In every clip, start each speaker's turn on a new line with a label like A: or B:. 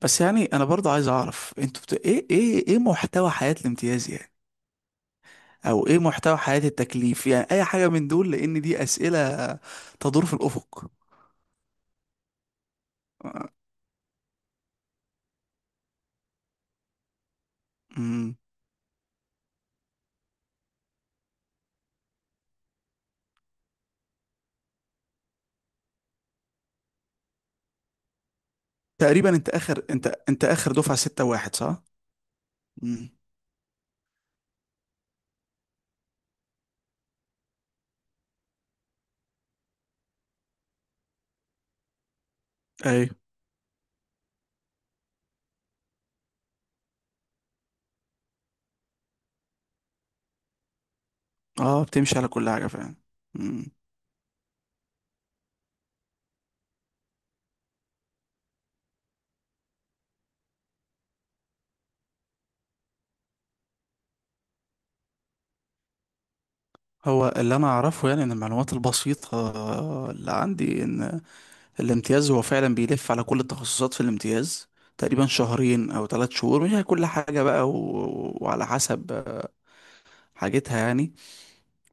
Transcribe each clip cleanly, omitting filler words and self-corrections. A: بس يعني انا برضه عايز اعرف انتوا ايه محتوى حياة الامتياز يعني، او ايه محتوى حياة التكليف يعني اي حاجة من دول لان دي اسئلة تدور في الافق. آه، أمم. تقريبا انت اخر دفعة ستة واحد صح؟ امم. ايوه. اه بتمشي على كل حاجة فعلا. امم. هو اللي انا اعرفه يعني ان المعلومات البسيطة اللي عندي ان الامتياز هو فعلا بيلف على كل التخصصات في الامتياز تقريبا شهرين او ثلاث شهور مش كل حاجة بقى وعلى حسب حاجتها يعني.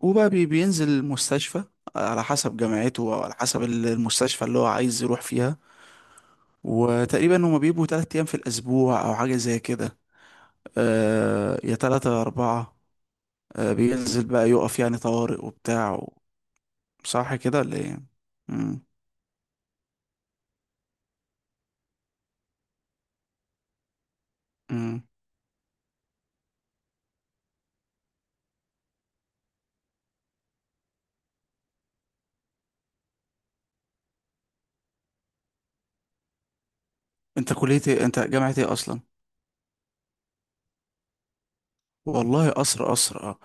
A: بينزل المستشفى على حسب جامعته او على حسب المستشفى اللي هو عايز يروح فيها. وتقريبا هما بيبقوا تلات ايام في الاسبوع او حاجة زي كده، آه يا تلاتة يا اربعة. آه بينزل بقى يقف يعني طوارئ وبتاع صح كده ولا ايه؟ مم. مم. انت كلية ايه؟ انت جامعة ايه اصلا؟ والله قصر آه.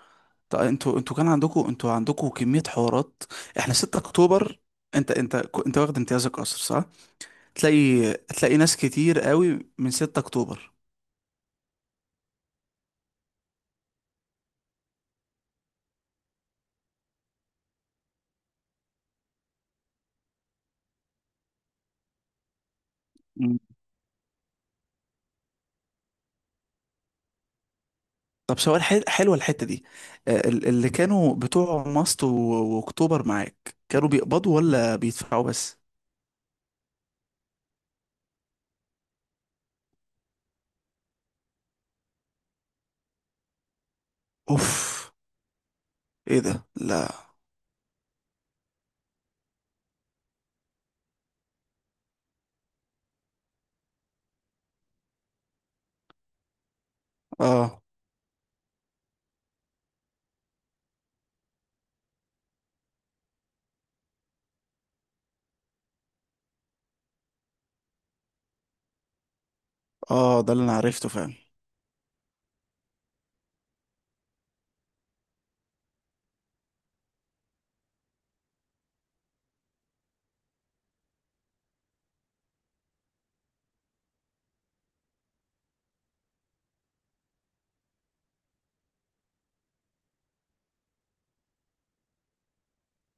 A: طب انتوا كان عندكم، انتوا عندكم كمية حوارات؟ احنا 6 اكتوبر. انت انت انت واخد امتيازك قصر صح؟ تلاقي ناس كتير قوي من 6 اكتوبر. مم. طب سؤال، حلوة الحتة دي. اللي كانوا بتوع ماست واكتوبر معاك كانوا بيقبضوا ولا بيدفعوا بس؟ اوف. ايه ده؟ لا. اه اه ده اللي انا عرفته فعلا.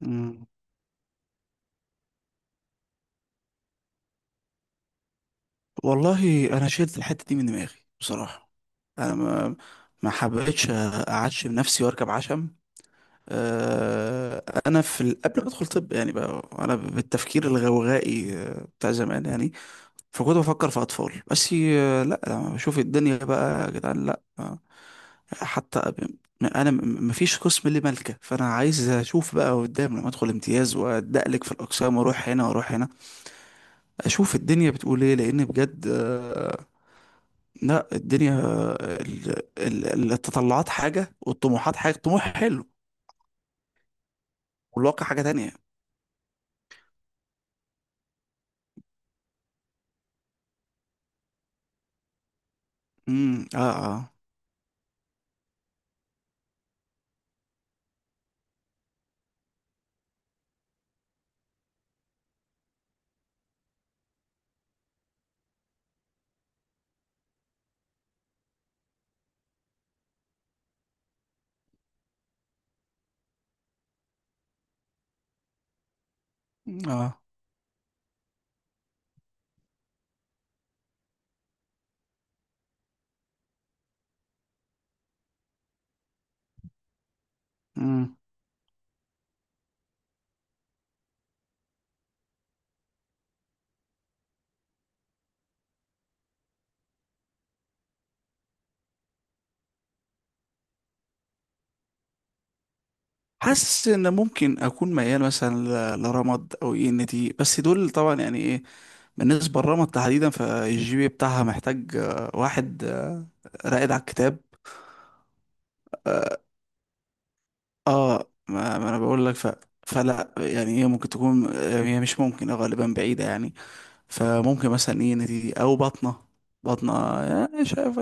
A: مم. والله انا شلت الحتة دي من دماغي بصراحة. انا ما حبيتش اعشم نفسي واركب عشم. انا في قبل ما ادخل طب يعني بقى انا بالتفكير الغوغائي بتاع زمان يعني. فكنت بفكر في اطفال بس، لا لما بشوف الدنيا بقى يا جدعان لا. حتى ب- انا مفيش قسم لي ملكه، فانا عايز اشوف بقى قدام لما ادخل امتياز وادقلك في الاقسام واروح هنا واروح هنا، اشوف الدنيا بتقول ايه لان بجد. لا الدنيا التطلعات حاجه والطموحات حاجه، طموح حلو والواقع حاجه تانية. امم. اه اه اه. مم. حاسس ان ممكن اكون ميال مثلا لرمض او اي ان تي، بس دول طبعا يعني ايه. بالنسبه لرمض تحديدا فالجي بي إيه بتاعها محتاج واحد راقد على الكتاب. اه ما انا بقول لك. فلا يعني هي ممكن تكون هي مش ممكن، غالبا بعيده يعني. فممكن مثلا اي ان تي او بطنه. بطنه، شايف.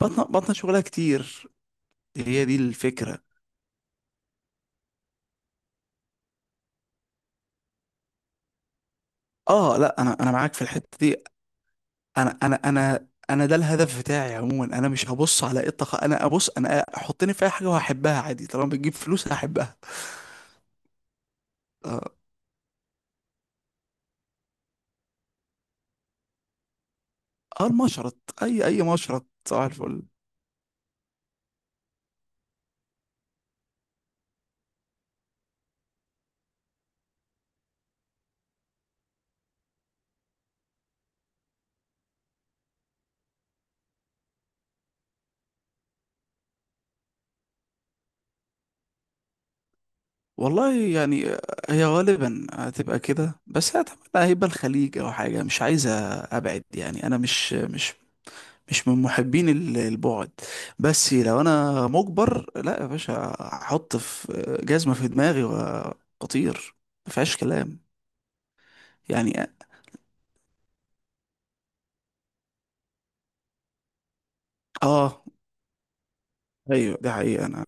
A: بطنه شغلها كتير. هي دي الفكره. اه لا انا معاك في الحته دي. انا ده الهدف بتاعي عموما. انا مش هبص على ايه الطاقه، انا ابص، انا حطني في اي حاجه وهحبها عادي، طالما بتجيب فلوس هحبها. اه. المشرط. اي اي مشرط صباح الفل. والله يعني، هي غالبا هتبقى كده، بس اتمنى هيبقى الخليج او حاجه. مش عايزه ابعد يعني. انا مش من محبين البعد. بس لو انا مجبر لا يا باشا، احط في جزمه في دماغي واطير. مفيهاش كلام. يعني اه ايوه دي حقيقة. انا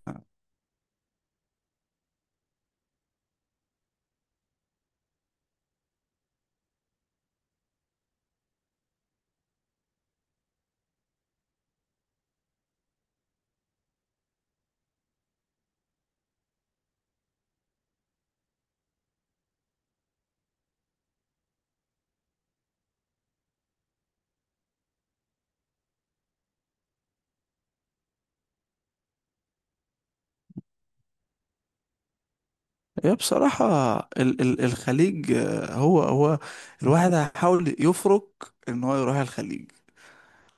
A: هي بصراحة ال الخليج، هو الواحد هيحاول يفرق ان هو يروح الخليج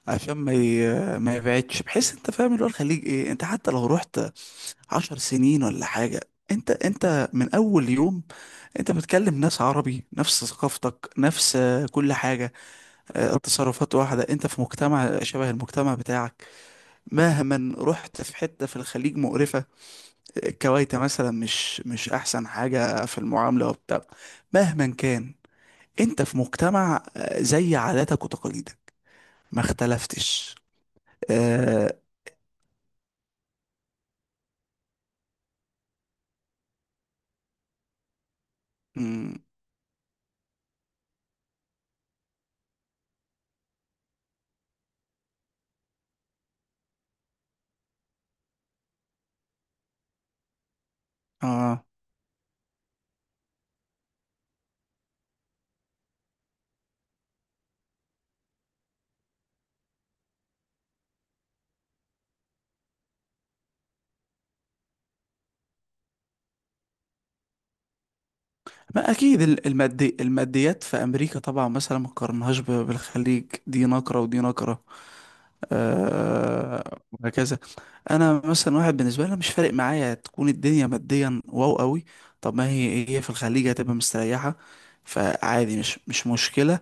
A: عشان ما يبعدش، بحيث انت فاهم اللي هو الخليج ايه. انت حتى لو رحت عشر سنين ولا حاجة، انت من اول يوم انت بتكلم ناس عربي، نفس ثقافتك نفس كل حاجة. التصرفات واحدة، انت في مجتمع شبه المجتمع بتاعك. مهما رحت في حتة في الخليج مقرفة، كويتا مثلا، مش احسن حاجة في المعاملة وبتاع، مهما كان انت في مجتمع زي عاداتك وتقاليدك ما اختلفتش. اه, مم، آه. ما اكيد المادي، الماديات في امريكا طبعا مثلا ما قارنهاش بالخليج، دي نقرة ودي نقرة. آه، وهكذا. انا مثلا واحد بالنسبه لي، أنا مش فارق معايا تكون الدنيا ماديا واو قوي. طب ما هي في الخليج هتبقى مستريحه. فعادي مش مشكله.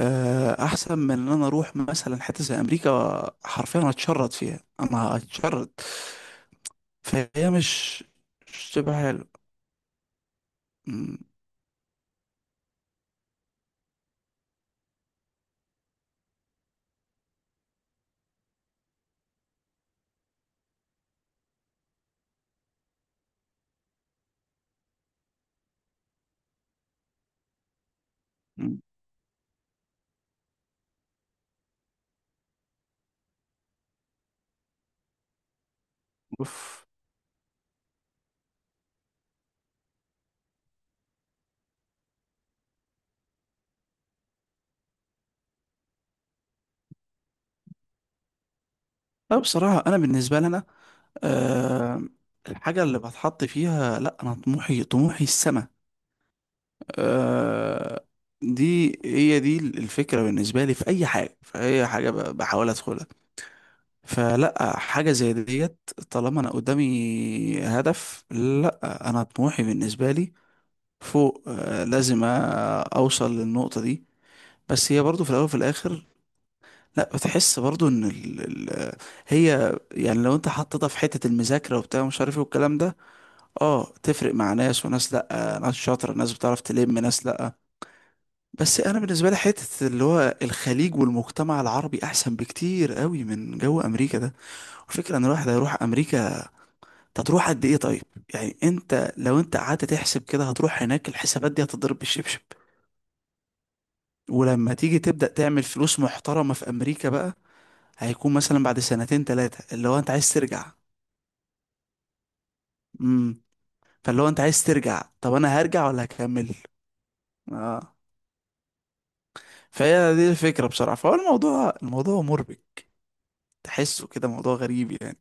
A: احسن من ان انا اروح مثلا حته زي امريكا، حرفيا هتشرد فيها، انا هتشرد. فهي مش تبقى حلو. م- م- اوف. لا بصراحه انا بالنسبه لي انا، آه، الحاجه اللي بتحط فيها لا، انا طموحي، طموحي السما. آه، دي هي دي الفكرة بالنسبة لي في أي حاجة، في أي حاجة بحاول أدخلها. فلا حاجة زي ديت، طالما أنا قدامي هدف لا، أنا طموحي بالنسبة لي فوق، أوصل للنقطة دي. بس هي برضو في الأول وفي الآخر، لا بتحس برضو إن ال هي يعني لو أنت حطيتها في حتة المذاكرة وبتاع مش عارف إيه والكلام ده، أه تفرق مع ناس وناس، لا ناس شاطرة، ناس بتعرف تلم ناس لا. بس انا بالنسبه لي حته اللي هو الخليج والمجتمع العربي احسن بكتير قوي من جو امريكا ده. والفكره ان الواحد هيروح امريكا هتروح قد ايه طيب؟ يعني انت لو قعدت تحسب كده هتروح هناك، الحسابات دي هتضرب بالشبشب. ولما تيجي تبدا تعمل فلوس محترمه في امريكا بقى هيكون مثلا بعد سنتين ثلاثه اللي هو انت عايز ترجع. امم. فاللي هو انت عايز ترجع، طب انا هرجع ولا هكمل؟ اه. فهي دي الفكره بصراحه. فهو الموضوع، الموضوع مربك، تحسه كده موضوع غريب يعني.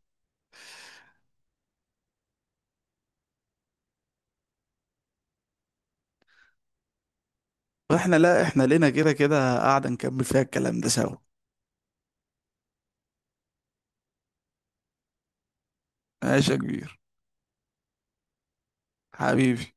A: واحنا لا، احنا لينا كده كده قاعدة نكمل فيها الكلام ده سوا. ماشي يا كبير. حبيبي.